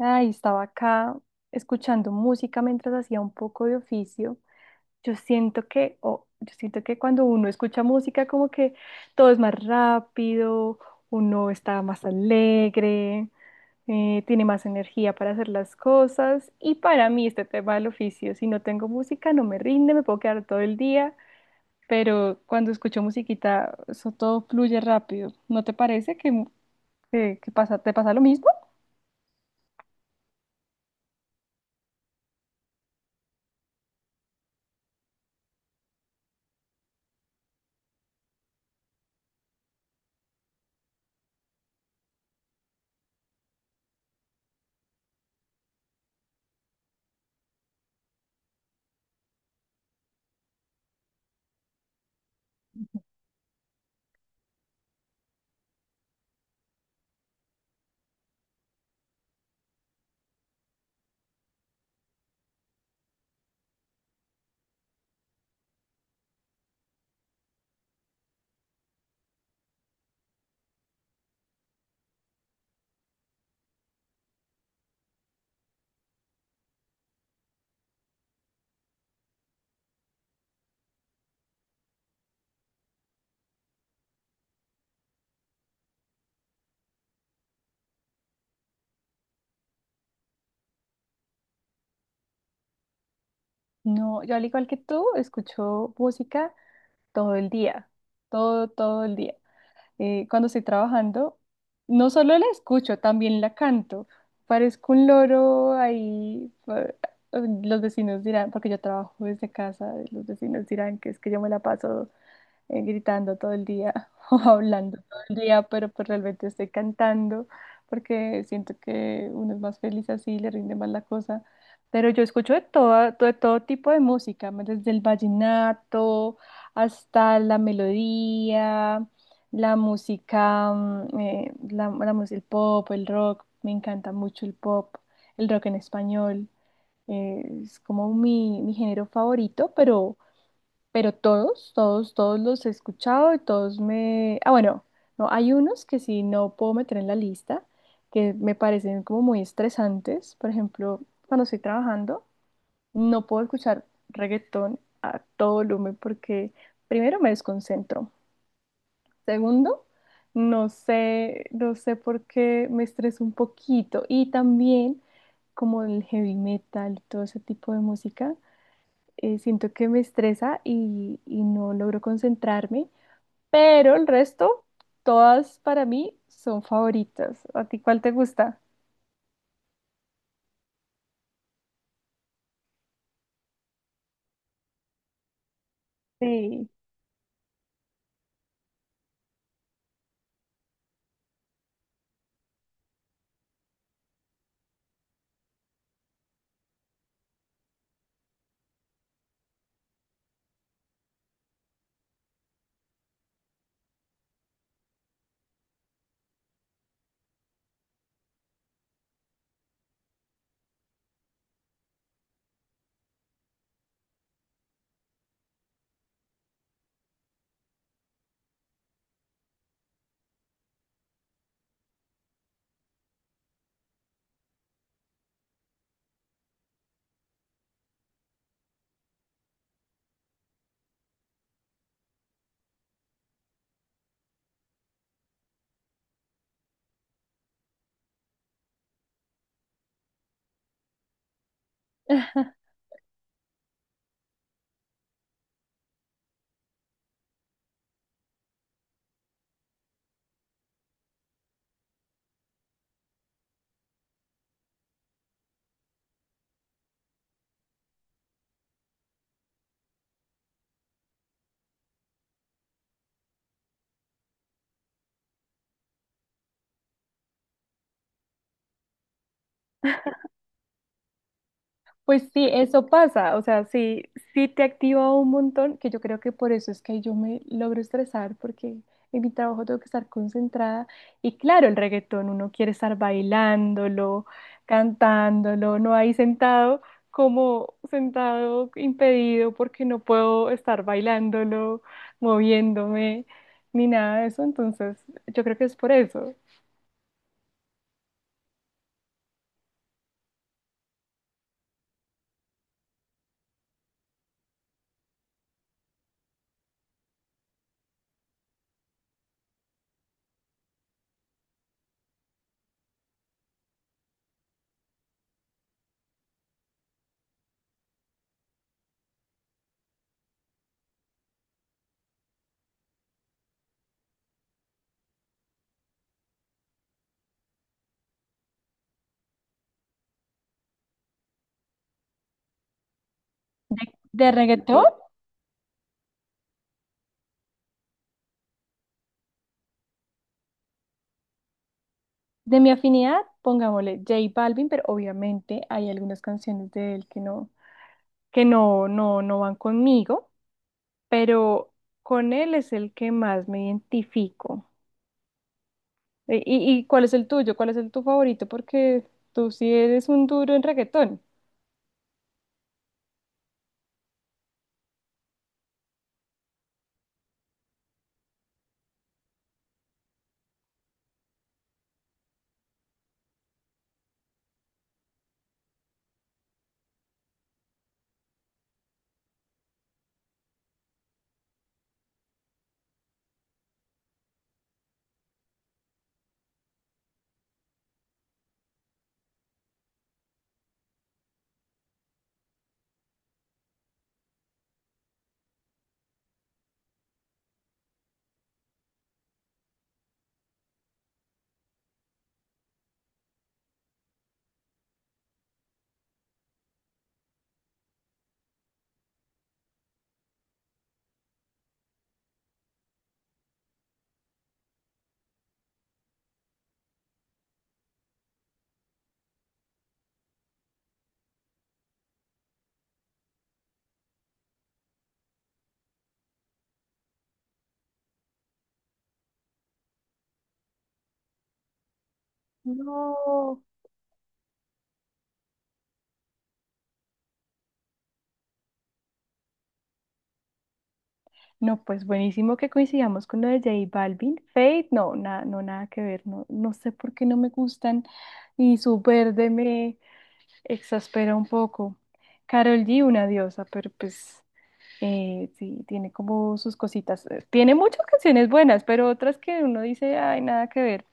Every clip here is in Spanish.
Ay, estaba acá escuchando música mientras hacía un poco de oficio. Yo siento que, o yo siento que cuando uno escucha música como que todo es más rápido, uno está más alegre, tiene más energía para hacer las cosas. Y para mí este tema del oficio, si no tengo música no me rinde, me puedo quedar todo el día, pero cuando escucho musiquita eso todo fluye rápido. ¿No te parece que, que pasa, te pasa lo mismo? No, yo al igual que tú, escucho música todo el día, todo, todo el día. Cuando estoy trabajando, no solo la escucho, también la canto. Parezco un loro ahí. Los vecinos dirán, porque yo trabajo desde casa, los vecinos dirán que es que yo me la paso gritando todo el día o hablando todo el día, pero pues realmente estoy cantando porque siento que uno es más feliz así, le rinde más la cosa. Pero yo escucho de de todo tipo de música, desde el vallenato hasta la melodía, la música, el pop, el rock, me encanta mucho el pop, el rock en español, es como mi género favorito, pero todos, todos, todos los he escuchado y todos me... Ah, bueno, no, hay unos que sí no puedo meter en la lista, que me parecen como muy estresantes. Por ejemplo, cuando estoy trabajando, no puedo escuchar reggaetón a todo volumen porque primero me desconcentro. Segundo, no sé, no sé por qué me estreso un poquito. Y también como el heavy metal y todo ese tipo de música siento que me estresa y no logro concentrarme, pero el resto, todas para mí son favoritas. ¿A ti cuál te gusta? Sí. Pues sí, eso pasa, o sea, sí, sí te activa un montón, que yo creo que por eso es que yo me logro estresar, porque en mi trabajo tengo que estar concentrada. Y claro, el reggaetón, uno quiere estar bailándolo, cantándolo, no ahí sentado, como sentado impedido, porque no puedo estar bailándolo, moviéndome, ni nada de eso. Entonces, yo creo que es por eso. ¿De reggaetón? De mi afinidad, pongámosle J Balvin, pero obviamente hay algunas canciones de él que no, no van conmigo, pero con él es el que más me identifico. Y cuál es el tuyo? ¿Cuál es el tu favorito? Porque tú sí eres un duro en reggaetón. No. No, pues buenísimo que coincidamos con lo de J Balvin. Fate, no, nada, no, nada que ver. No, no sé por qué no me gustan. Y su verde me, exaspera un poco. Carol G, una diosa, pero pues sí, tiene como sus cositas. Tiene muchas canciones buenas, pero otras que uno dice, ay, nada que ver.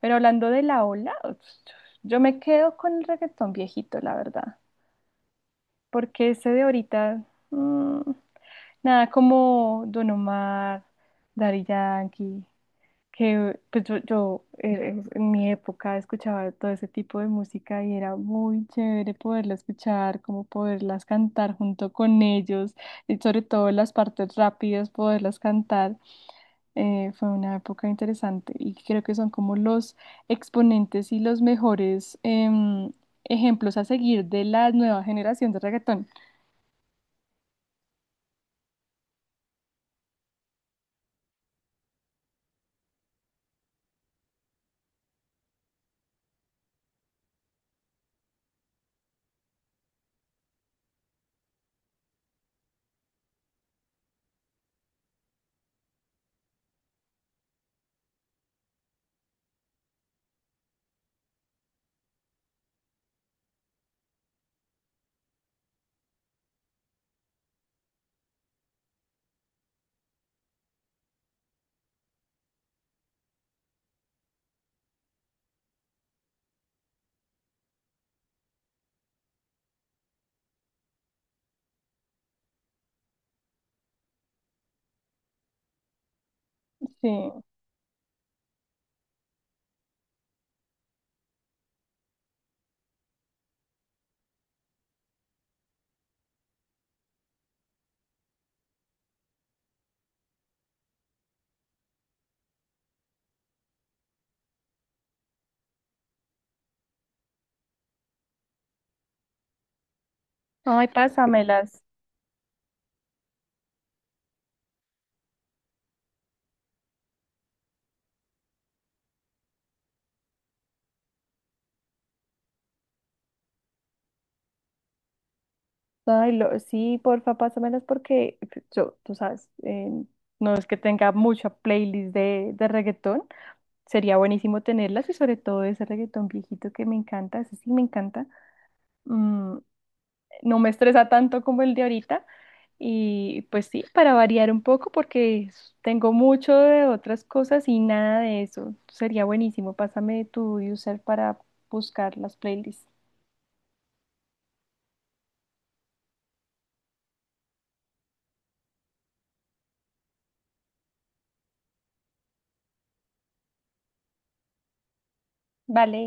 Pero hablando de la ola, yo me quedo con el reggaetón viejito, la verdad, porque ese de ahorita, mm, nada como Don Omar, Daddy Yankee, que pues en mi época escuchaba todo ese tipo de música y era muy chévere poderla escuchar, como poderlas cantar junto con ellos y sobre todo las partes rápidas, poderlas cantar. Fue una época interesante y creo que son como los exponentes y los mejores ejemplos a seguir de la nueva generación de reggaetón. Sí. Ay, pásamelas. Ay, sí, porfa, pásamelas porque yo, tú sabes, no es que tenga mucha playlist de reggaetón. Sería buenísimo tenerlas y sobre todo ese reggaetón viejito que me encanta, ese sí me encanta. Mm, no me estresa tanto como el de ahorita. Y pues sí, para variar un poco porque tengo mucho de otras cosas y nada de eso. Sería buenísimo. Pásame tu user para buscar las playlists. Vale.